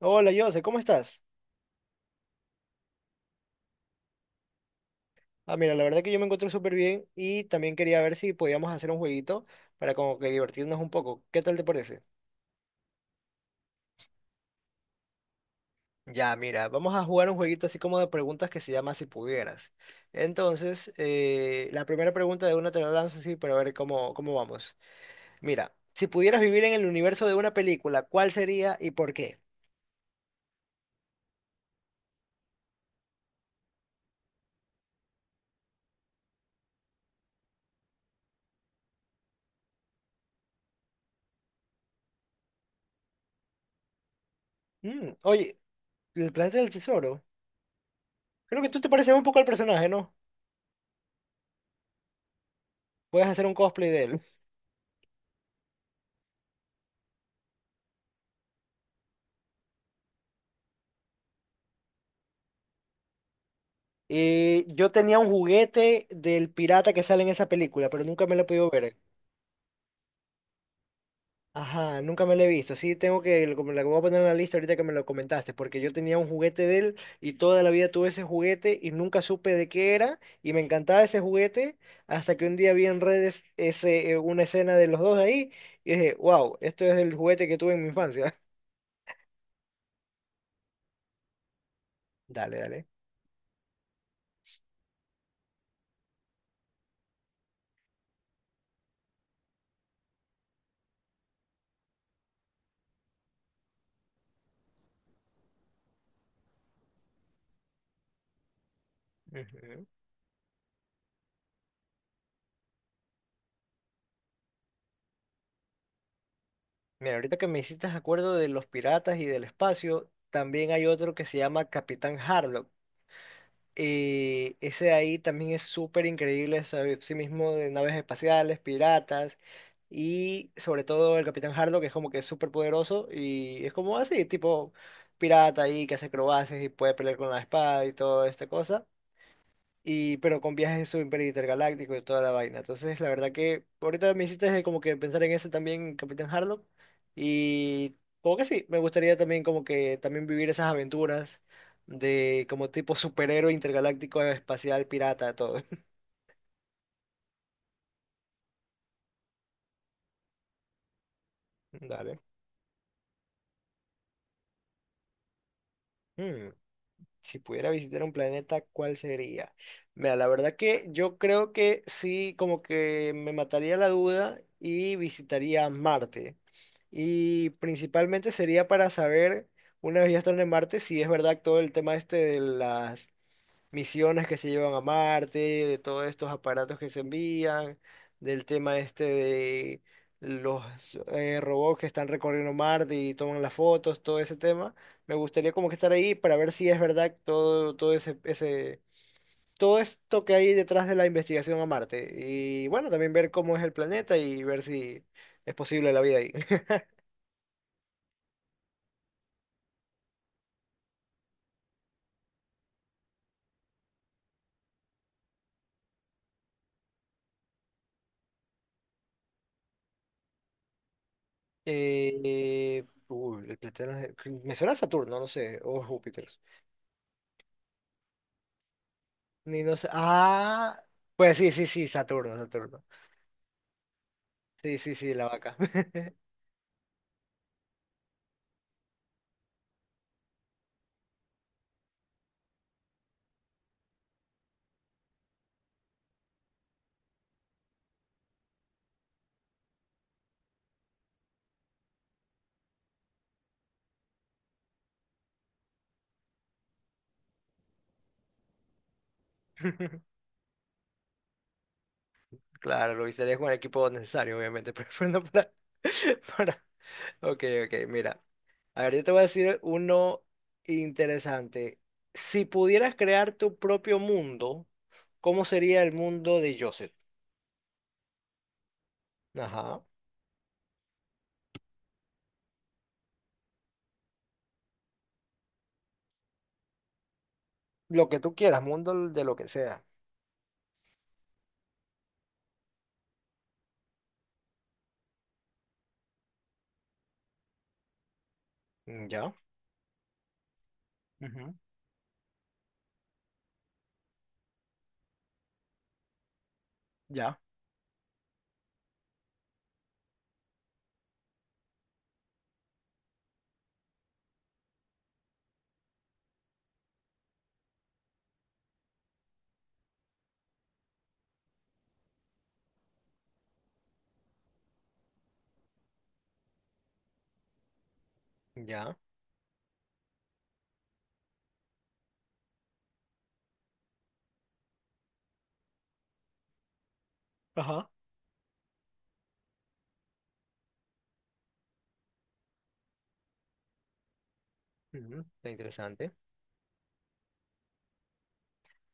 Hola, Jose, ¿cómo estás? Ah, mira, la verdad que yo me encuentro súper bien y también quería ver si podíamos hacer un jueguito para como que divertirnos un poco. ¿Qué tal te parece? Ya, mira, vamos a jugar un jueguito así como de preguntas que se llama Si pudieras. Entonces, la primera pregunta de una te la lanzo así para ver cómo, cómo vamos. Mira, si pudieras vivir en el universo de una película, ¿cuál sería y por qué? Mm, oye, el planeta del tesoro. Creo que tú te pareces un poco al personaje, ¿no? Puedes hacer un cosplay de él. Yo tenía un juguete del pirata que sale en esa película, pero nunca me lo he podido ver. Ajá, nunca me lo he visto. Sí, tengo que, lo como la voy a poner en la lista ahorita que me lo comentaste, porque yo tenía un juguete de él y toda la vida tuve ese juguete y nunca supe de qué era y me encantaba ese juguete hasta que un día vi en redes ese, una escena de los dos ahí y dije, wow, esto es el juguete que tuve en mi infancia. Dale, dale. Ujú. Mira, ahorita que me hiciste acuerdo de los piratas y del espacio, también hay otro que se llama Capitán Harlock. Y ese de ahí también es súper increíble sobre sí mismo de naves espaciales, piratas y sobre todo el Capitán Harlock, que es como que es súper poderoso y es como así, tipo pirata ahí que hace acrobacias y puede pelear con la espada y toda esta cosa y pero con viajes super intergalácticos y toda la vaina. Entonces, la verdad que ahorita me hiciste como que pensar en ese también, Capitán Harlock, y como que sí, me gustaría también como que también vivir esas aventuras de como tipo superhéroe intergaláctico espacial pirata, todo. Dale. Hmm, si pudiera visitar un planeta, ¿cuál sería? Mira, la verdad que yo creo que sí, como que me mataría la duda y visitaría Marte. Y principalmente sería para saber, una vez ya están en Marte, si es verdad todo el tema este de las misiones que se llevan a Marte, de todos estos aparatos que se envían, del tema este de los robots que están recorriendo Marte y toman las fotos, todo ese tema. Me gustaría como que estar ahí para ver si es verdad todo, todo ese, ese, todo esto que hay detrás de la investigación a Marte. Y bueno, también ver cómo es el planeta y ver si es posible la vida ahí. Uy, el planeta de los- me suena a Saturno, no sé, o Júpiter. Ni no sé. Ah, pues sí, sí, sí, Saturno, Saturno. Sí, sí, sí, la vaca. Claro, lo visitaría con el equipo necesario, obviamente, pero no para, para- Ok, ok, mira. A ver, yo te voy a decir uno interesante. Si pudieras crear tu propio mundo, ¿cómo sería el mundo de Joseph? Ajá. Lo que tú quieras, mundo de lo que sea. Mm, ya. Ujú. Ya. Ya. Ajá. Ujú, está interesante.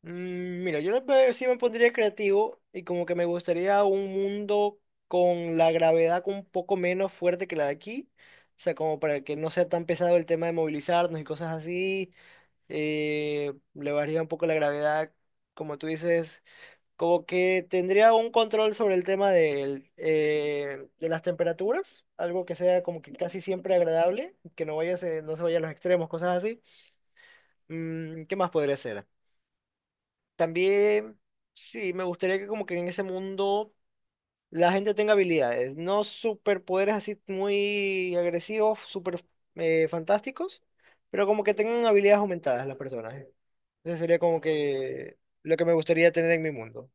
Mm, mira, yo la verdad sí me pondría creativo y como que me gustaría un mundo con la gravedad un poco menos fuerte que la de aquí. O sea, como para que no sea tan pesado el tema de movilizarnos y cosas así. Le bajaría un poco la gravedad, como tú dices. Como que tendría un control sobre el tema del, de las temperaturas. Algo que sea como que casi siempre agradable, que no vaya, a ser- no se vaya a los extremos, cosas así. Mm, ¿qué más podría ser? También, sí, me gustaría que como que en ese mundo la gente tenga habilidades, no superpoderes así muy agresivos, super fantásticos, pero como que tengan habilidades aumentadas las personas. ¿Eh? Eso sería como que lo que me gustaría tener en mi mundo.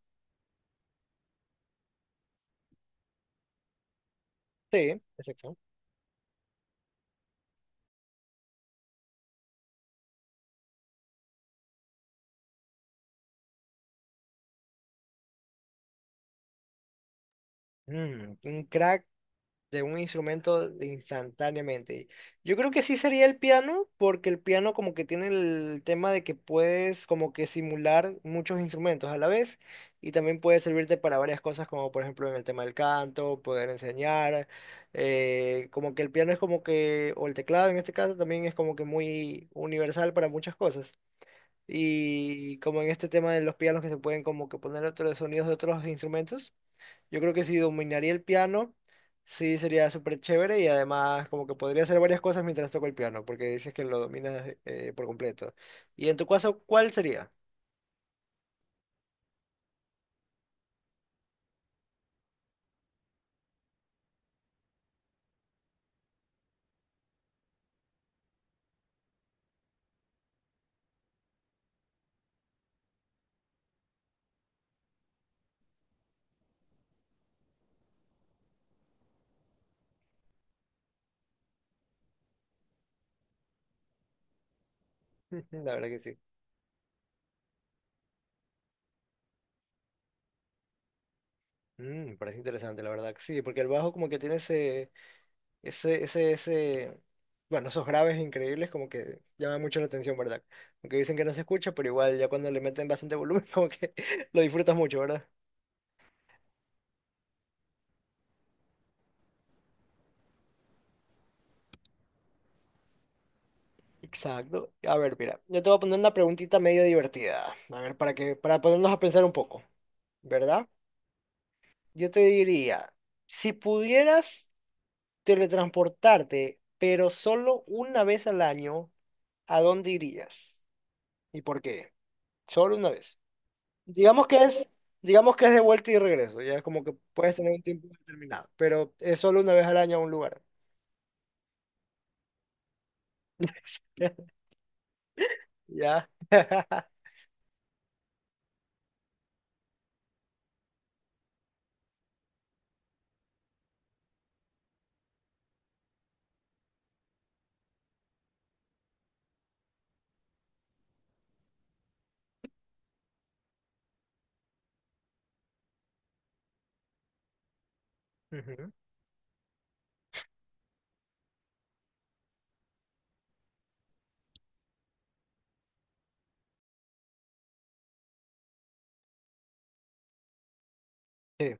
Sí, exacto. Mm, un crack de un instrumento instantáneamente. Yo creo que sí sería el piano, porque el piano como que tiene el tema de que puedes como que simular muchos instrumentos a la vez y también puede servirte para varias cosas, como por ejemplo en el tema del canto, poder enseñar, como que el piano es como que, o el teclado en este caso también es como que muy universal para muchas cosas. Y como en este tema de los pianos que se pueden como que poner otros sonidos de otros instrumentos. Yo creo que si dominaría el piano, sí sería súper chévere y además como que podría hacer varias cosas mientras toco el piano, porque dices que lo dominas por completo. Y en tu caso, ¿cuál sería? La verdad que sí. Mm, me parece interesante, la verdad que sí, porque el bajo como que tiene ese, ese, bueno, esos graves increíbles como que llaman mucho la atención, ¿verdad? Aunque dicen que no se escucha, pero igual ya cuando le meten bastante volumen como que lo disfrutas mucho, ¿verdad? Exacto. A ver, mira, yo te voy a poner una preguntita medio divertida. A ver, para que, para ponernos a pensar un poco, ¿verdad? Yo te diría, si pudieras teletransportarte, pero solo una vez al año, ¿a dónde irías? ¿Y por qué? Solo una vez. Digamos que es, digamos que es de vuelta y regreso, ya como que puedes tener un tiempo determinado, pero es solo una vez al año a un lugar. ¿Ya? Ujú. Sí,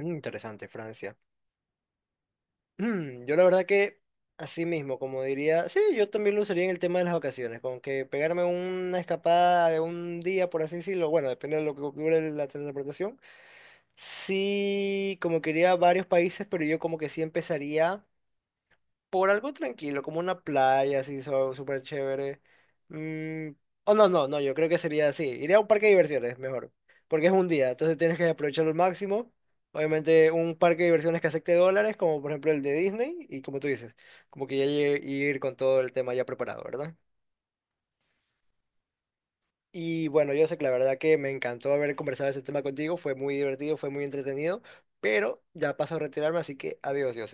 interesante, Francia. Mm, yo la verdad que así mismo, como diría, sí, yo también lo usaría en el tema de las vacaciones, como que pegarme una escapada de un día, por así decirlo, bueno, depende de lo que dure la transportación. Sí, como quería varios países, pero yo como que sí empezaría por algo tranquilo, como una playa así so- súper chévere. Mm, oh, no, no, no, yo creo que sería así. Iría a un parque de diversiones, mejor. Porque es un día, entonces tienes que aprovecharlo al máximo. Obviamente, un parque de diversiones que acepte dólares, como por ejemplo el de Disney, y como tú dices, como que ya lle- ir con todo el tema ya preparado, ¿verdad? Y bueno, yo sé que la verdad que me encantó haber conversado ese tema contigo, fue muy divertido, fue muy entretenido, pero ya paso a retirarme, así que adiós, yo